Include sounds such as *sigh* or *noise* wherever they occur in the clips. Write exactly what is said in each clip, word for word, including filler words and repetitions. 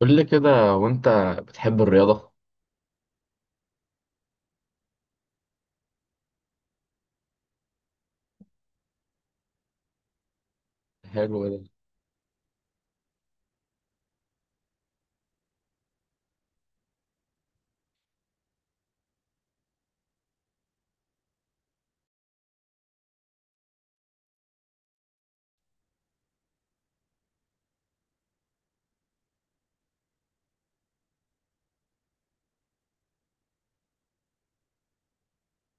قول لي كده، وانت بتحب الرياضة؟ حلو ده.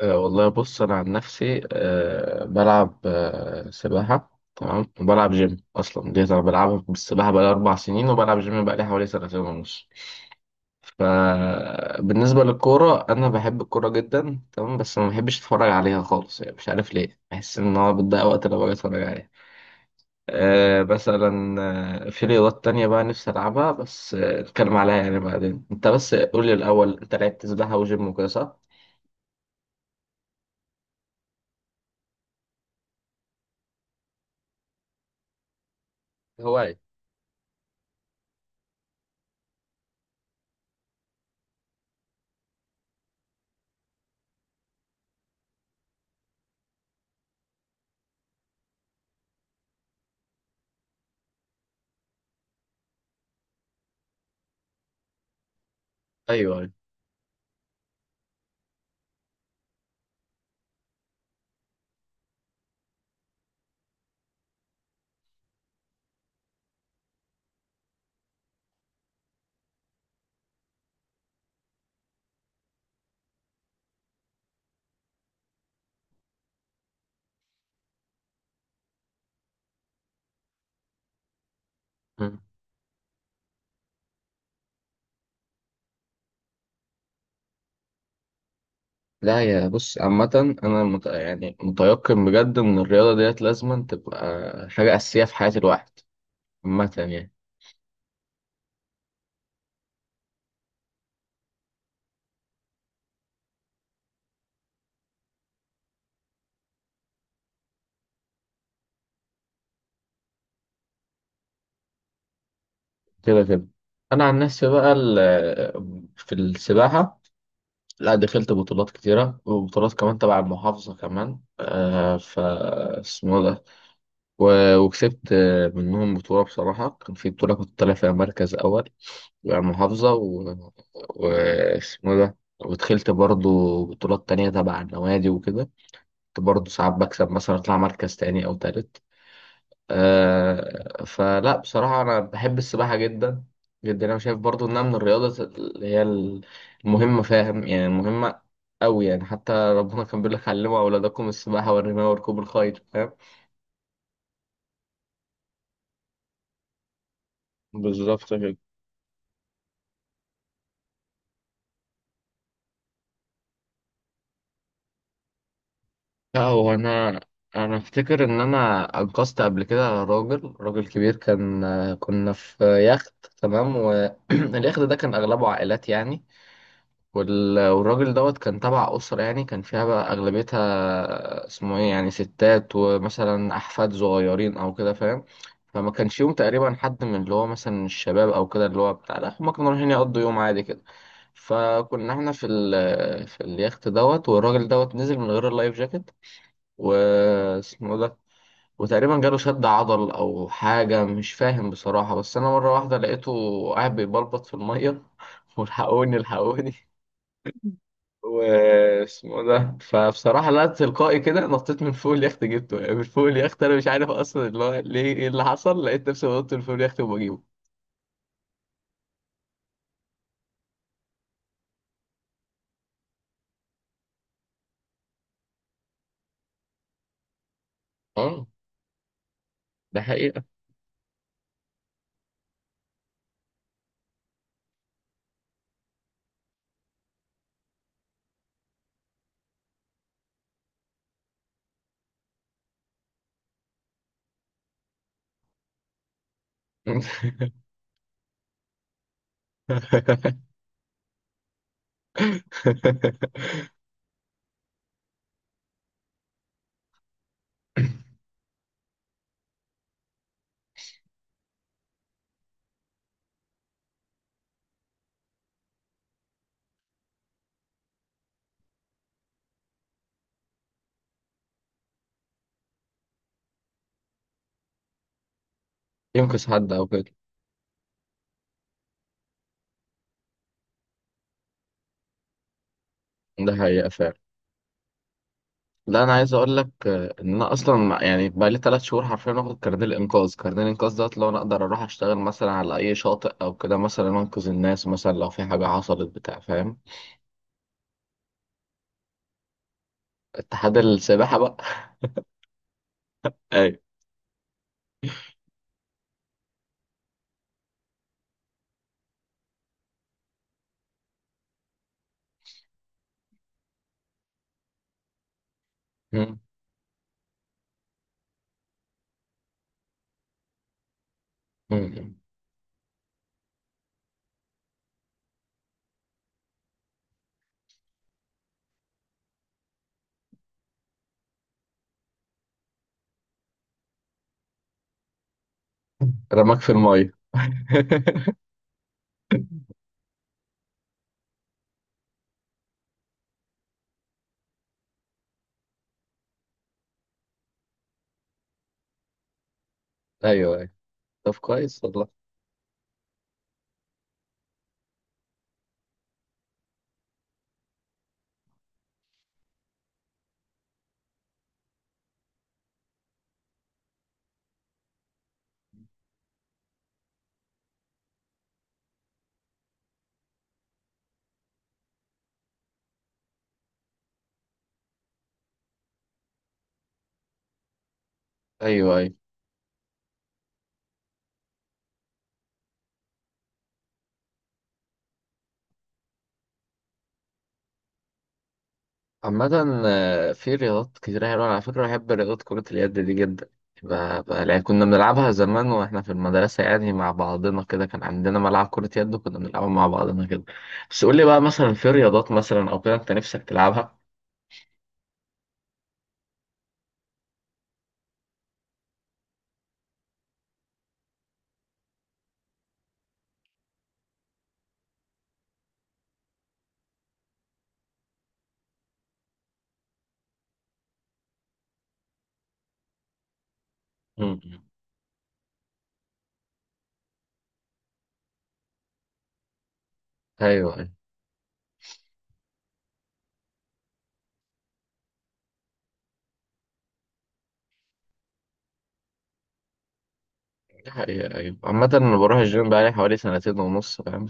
أه والله بص، انا عن نفسي أه بلعب أه سباحة، تمام. وبلعب جيم اصلا دي انا بلعبها، بالسباحة بقالي اربع سنين، وبلعب جيم بقالي حوالي سنتين ونص. فبالنسبة للكورة انا بحب الكورة جدا تمام، بس ما بحبش اتفرج عليها خالص، يعني مش عارف ليه، بحس ان هو بتضيع وقت لو باجي اتفرج عليها. آه مثلا، آه، في رياضات تانية بقى نفسي ألعبها، بس آه، نتكلم عليها يعني بعدين. أنت بس قول لي الأول، أنت لعبت سباحة وجيم وكده صح؟ هواية. ايوه ايوه. مم. لا يا بص، عامة أنا مت... يعني متيقن بجد إن الرياضة ديت لازما تبقى حاجة أساسية في حياة الواحد، عامة يعني. كده كده. أنا عن نفسي بقى ال... في السباحة لا دخلت بطولات كتيرة، وبطولات كمان تبع المحافظة كمان، آه ف اسمه ده، و- وكسبت آه، منهم بطولة. بصراحة كان في بطولة كنت طالع فيها مركز أول، يعني محافظة و... واسمه إيه ده. ودخلت برضو بطولات تانية تبع النوادي وكده، كنت برضو ساعات بكسب مثلا أطلع مركز تاني أو تالت. آه فلا بصراحة أنا بحب السباحة جدا جدا، أنا شايف برضو إنها من الرياضة اللي هي المهمة، فاهم يعني؟ المهمة أوي يعني، حتى ربنا كان بيقول لك علموا أولادكم السباحة والرماية وركوب الخيل، فاهم؟ بالظبط كده. لا هو انا انا افتكر ان انا انقذت قبل كده راجل، راجل كبير كان. كنا في يخت، تمام. واليخت *clears throat* ده كان اغلبه عائلات يعني، وال- والراجل دوت كان تبع اسره يعني، كان فيها بقى اغلبيتها، اسمه ايه، يعني ستات ومثلا احفاد صغيرين او كده، فاهم؟ فما كانش يوم تقريبا حد من اللي هو مثلا الشباب او كده، اللي هو بتاع، لا هما كانوا رايحين يقضوا يوم عادي كده. فكنا احنا في ال في اليخت دوت، والراجل دوت نزل من غير اللايف جاكيت واسمه ده، وتقريبا جاله شد عضل او حاجه، مش فاهم بصراحه. بس انا مره واحده لقيته قاعد بيبلبط في الميه *laughs* والحقوني الحقوني واسمه ده. فبصراحه لا، تلقائي كده نطيت من فوق اليخت جبته، يعني من فوق اليخت انا مش عارف اصلا اللي هو ليه، ايه اللي حصل، لقيت نفسي بنط من فوق اليخت وبجيبه. اه، ده حقيقة. *laughs* ينقذ حد او كده. ده حقيقة فعلا. لا انا عايز اقول لك آه، ان انا اصلا مع- يعني بقى لي ثلاث شهور حرفيا واخد كارنيه الانقاذ، كارنيه الانقاذ دوت لو انا اقدر اروح اشتغل مثلا على اي شاطئ او كده، مثلا انقذ الناس مثلا لو في حاجه حصلت بتاع، فاهم؟ اتحاد السباحه بقى. ايوه. *laughs* مم. مم. رماك في الميه. *laughs* ايوه ايوه. طب كويس والله. ايوه ايوه. عامة آه، في رياضات كتير حلوة على فكرة. بحب رياضة كرة اليد دي جدا. ب- ب- يعني كنا بنلعبها زمان واحنا في المدرسة يعني، مع بعضنا كده كان عندنا ملعب كرة يد وكنا بنلعبها مع بعضنا كده. بس قول لي بقى مثلا في رياضات مثلا أو كده أنت نفسك تلعبها؟ مم. أيوه أيوه. دي حقيقة أيوه. عامة أنا بروح الجيم بقالي حوالي سنتين ونص، فاهم؟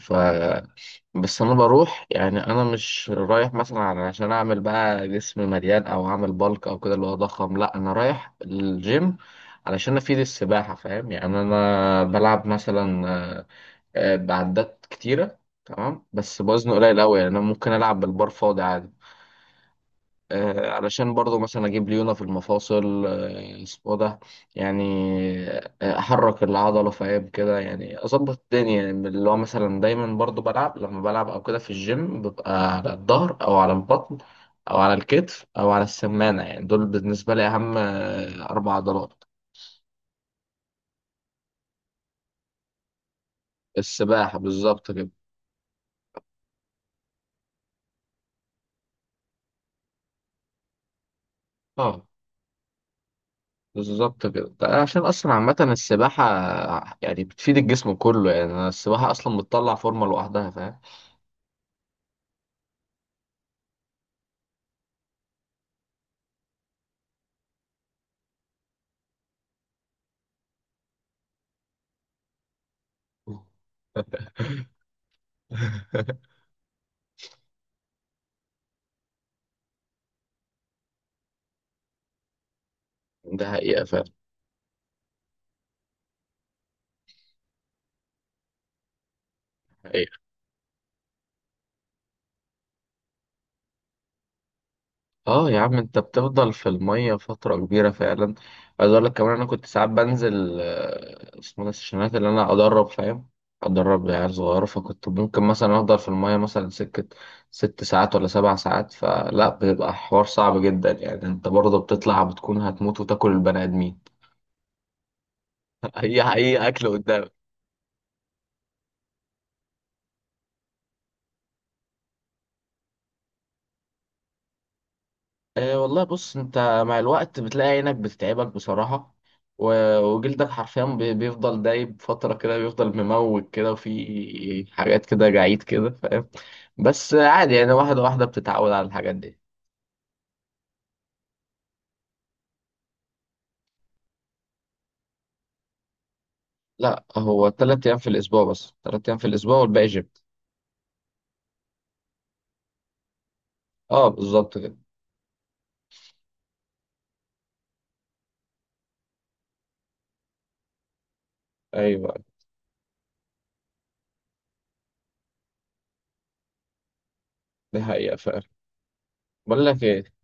بس انا بروح، يعني انا مش رايح مثلا عشان اعمل بقى جسم مليان او اعمل بالك او كده اللي هو ضخم، لا انا رايح الجيم علشان افيد السباحه، فاهم يعني؟ انا بلعب مثلا آه، آه، بعدات كتيره، تمام. بس بوزن قليل قوي، يعني انا ممكن العب بالبار فاضي عادي، آه، علشان برضو مثلا اجيب ليونه في المفاصل، آه، اسمه ده، يعني آه، احرك العضله، فاهم كده يعني؟ اظبط الدنيا، يعني اللي هو مثلا دايما برضو بلعب، لما بلعب او كده في الجيم ببقى على الظهر او على البطن او على الكتف او على السمانه، يعني دول بالنسبه لي اهم آه، اربع عضلات. السباحه، بالظبط كده. اه، بالظبط كده. ده عشان اصلا عامه السباحه يعني بتفيد الجسم كله، يعني السباحه اصلا بتطلع فورمه لوحدها، فاهم؟ *laughs* ده حقيقة فعلا. حقيقة. اه يا عم، انت بتفضل في المية فترة كبيرة فعلا. عايز اقول لك كمان، انا كنت ساعات بنزل آه، اسمه ده السيشنات اللي انا ادرب، فاهم؟ ادرب عيال صغيرة، فكنت ممكن مثلا افضل في المية مثلا سكة ست ساعات ولا سبع ساعات، فلا بيبقى حوار صعب جدا يعني، انت برضه بتطلع بتكون هتموت وتاكل البني ادمين. *laughs* اي اي اكل. أه والله بص، انت مع الوقت بتلاقي عينك بتتعبك بصراحة، و- وجلدك حرفيا بي- بيفضل دايب فترة كده، بيفضل مموج كده وفي حاجات كده جعيد كده، فاهم؟ بس عادي يعني، واحدة واحدة بتتعود على الحاجات دي. لا هو تلات أيام في الأسبوع بس، تلات أيام في الأسبوع والباقي جيم. اه بالظبط كده. أيوه دي حقيقة فعلا. بقول لك ايه،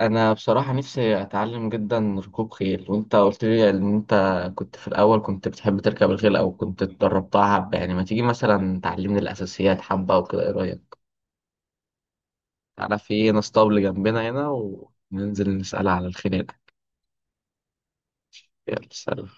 انا بصراحه نفسي اتعلم جدا ركوب خيل. وانت قلت لي ان انت كنت في الاول كنت بتحب تركب الخيل او كنت اتدربتها حبه، يعني ما تيجي مثلا تعلمني الاساسيات حبه وكده، ايه رايك؟ تعالى في ناس طبل جنبنا هنا، وننزل نسال على الخيل هناك. يلا سلام.